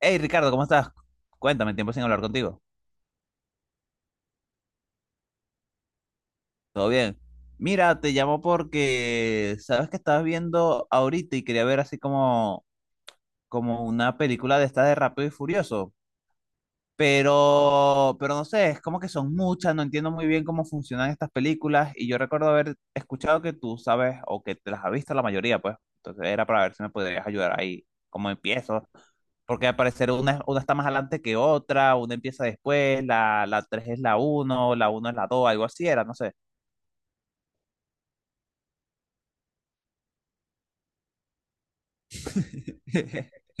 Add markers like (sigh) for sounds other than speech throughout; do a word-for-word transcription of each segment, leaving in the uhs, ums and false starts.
Hey Ricardo, ¿cómo estás? Cuéntame, tiempo sin hablar contigo. ¿Todo bien? Mira, te llamo porque sabes que estabas viendo ahorita y quería ver así como, como una película de esta de Rápido y Furioso. Pero, pero no sé, es como que son muchas, no entiendo muy bien cómo funcionan estas películas y yo recuerdo haber escuchado que tú sabes o que te las has visto la mayoría, pues. Entonces era para ver si me podrías ayudar ahí, cómo empiezo. Porque al parecer una, una está más adelante que otra, una empieza después, la, la tres es la uno, la uno es la dos, algo así era, no sé. (laughs)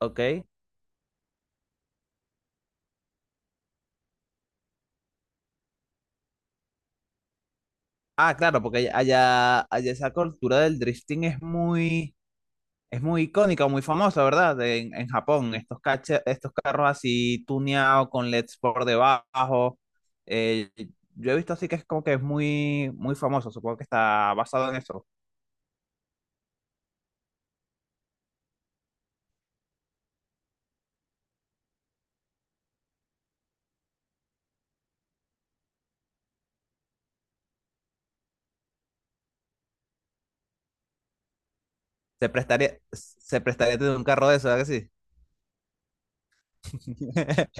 Ok. Ah, claro, porque allá, allá allá esa cultura del drifting es muy... Es muy icónica, muy famosa, ¿verdad? En, en Japón, estos, cacha- estos carros así tuneados con L E Ds por debajo. Eh, yo he visto así que es como que es muy, muy famoso, supongo que está basado en eso. Se prestaría, se prestaría tener un carro de eso, ¿verdad que sí? (laughs)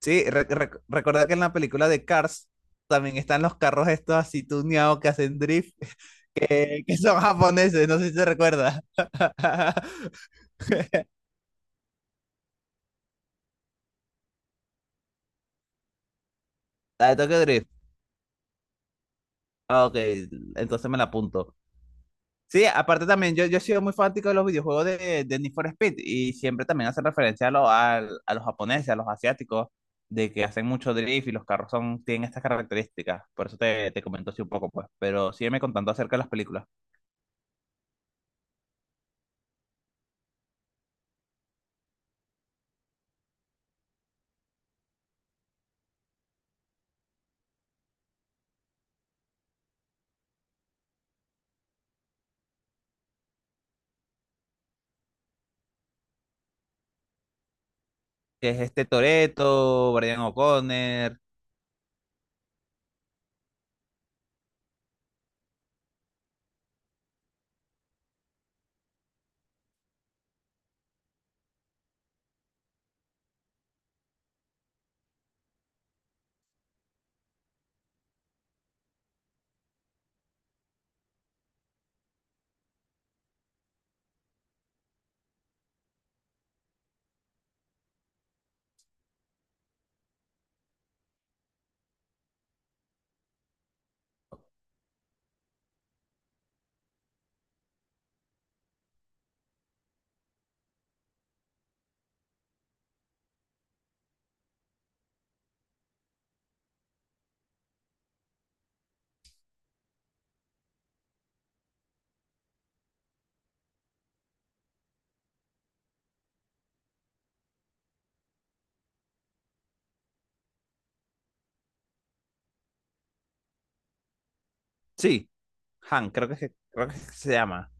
Sí, re- re- recordar que en la película de Cars también están los carros estos así tuneados que hacen drift, (laughs) que, que son japoneses, no sé si se recuerda. (laughs) La de Tokyo Drift. Ah, Ok, entonces me la apunto. Sí, aparte también, yo, yo he sido muy fanático de los videojuegos de, de Need for Speed y siempre también hace referencia a, lo- al- a los japoneses, a los asiáticos, de que hacen mucho drift y los carros son, tienen estas características. Por eso te, te comento así un poco, pues. Pero sígueme contando acerca de las películas. Que es este Toretto, Brian O'Connor. Sí, Han, creo que, se- creo que se llama.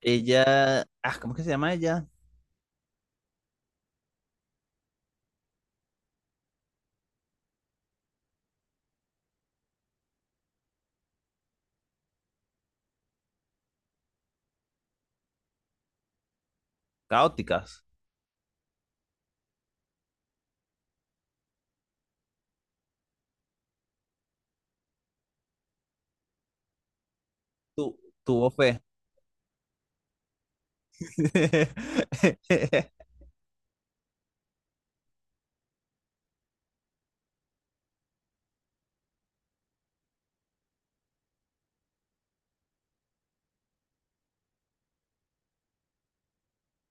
Ella. Ah, ¿cómo es que se llama ella? Caóticas. Tu, Tuvo fe. (laughs)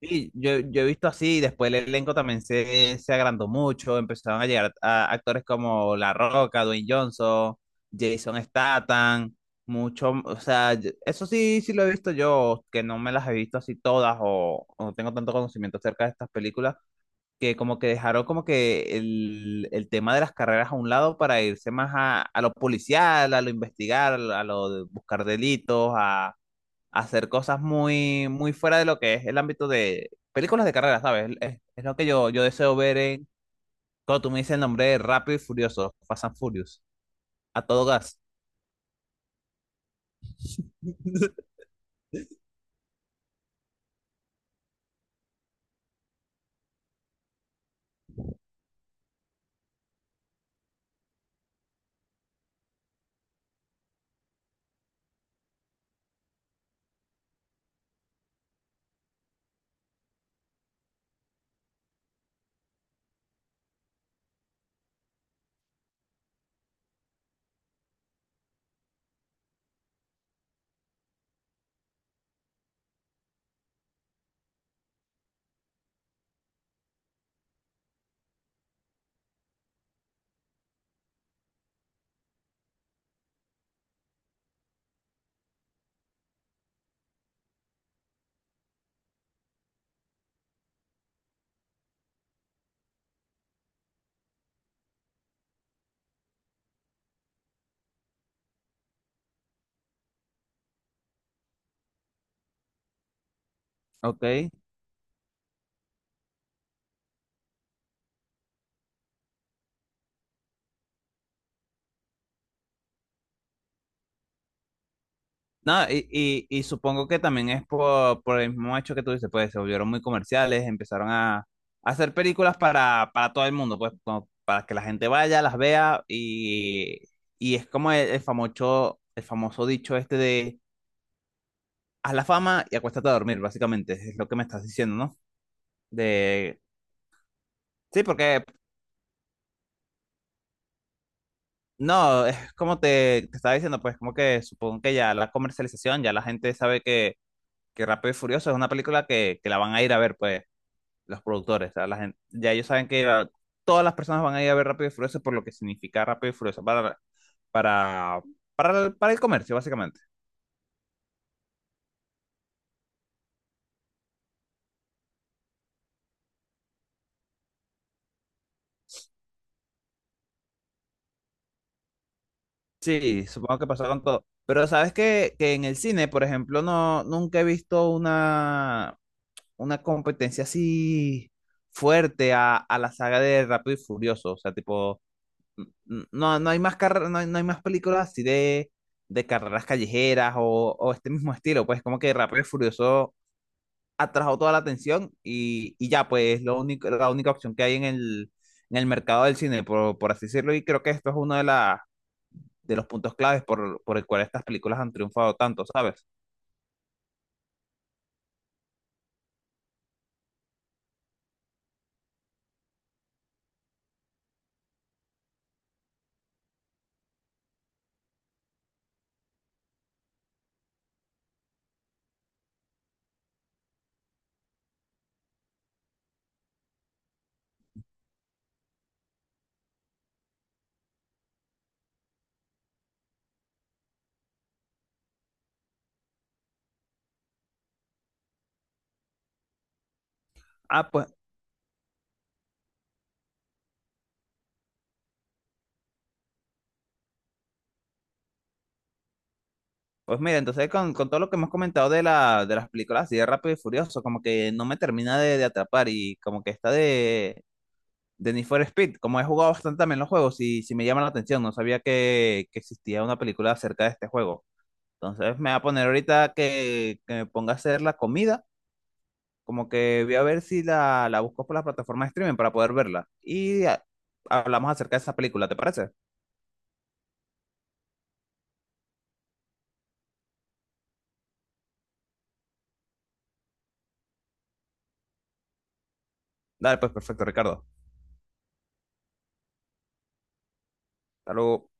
Sí, yo, yo he visto así, después el elenco también se, se agrandó mucho, empezaron a llegar a actores como La Roca, Dwayne Johnson, Jason Statham, mucho, o sea, yo- eso sí, sí lo he visto yo, que no me las he visto así todas o, o no tengo tanto conocimiento acerca de estas películas, que como que dejaron como que el, el tema de las carreras a un lado para irse más a, a lo policial, a lo investigar, a lo de buscar delitos, hacer cosas muy, muy fuera de lo que es el ámbito de películas de carreras, ¿sabes? Es, es lo que yo, yo deseo ver en, cuando tú me dices el nombre de Rápido y Furioso, Fast and Furious, a todo gas, (laughs) ¿ok? No, y, y, y supongo que también es por, por el mismo hecho que tú dices, pues se volvieron muy comerciales, empezaron a, a hacer películas para, para todo el mundo, pues como para que la gente vaya, las vea y, y es como el, el famoso, el famoso dicho este de haz la fama y acuéstate a dormir, básicamente, es lo que me estás diciendo, ¿no? De, sí, porque, no, es como te, te estaba diciendo, pues como que supongo que ya la comercialización, ya la gente sabe que, que Rápido y Furioso es una película que, que la van a ir a ver, pues, los productores, o sea, la gente, ya ellos saben que la- todas las personas van a ir a ver Rápido y Furioso por lo que significa Rápido y Furioso para, para, para el, para el comercio, básicamente. Sí, supongo que pasó con todo. Pero sabes que, que en el cine, por ejemplo, no, nunca he visto una, una competencia así fuerte a, a la saga de Rápido y Furioso. O sea, tipo, n- n- no, no hay más carre- no hay, no hay más películas así de, de carreras callejeras o, o este mismo estilo. Pues como que Rápido y Furioso atrajo toda la atención y, y ya, pues lo único, la única opción que hay en el, en el mercado del cine, por, por así decirlo, y creo que esto es uno de la, de los puntos claves por, por el cual estas películas han triunfado tanto, ¿sabes? Ah, pues pues mira, entonces con, con todo lo que hemos comentado de, la, de las películas así de Rápido y Furioso, como que no me termina de, de atrapar y como que esta de, de Need for Speed, como he jugado bastante también los juegos y si me llama la atención, no sabía que, que existía una película acerca de este juego. Entonces me va a poner ahorita que, que me ponga a hacer la comida, como que voy a ver si la, la busco por la plataforma de streaming para poder verla. Y a- hablamos acerca de esa película, ¿te parece? Dale, pues perfecto, Ricardo. Hasta luego.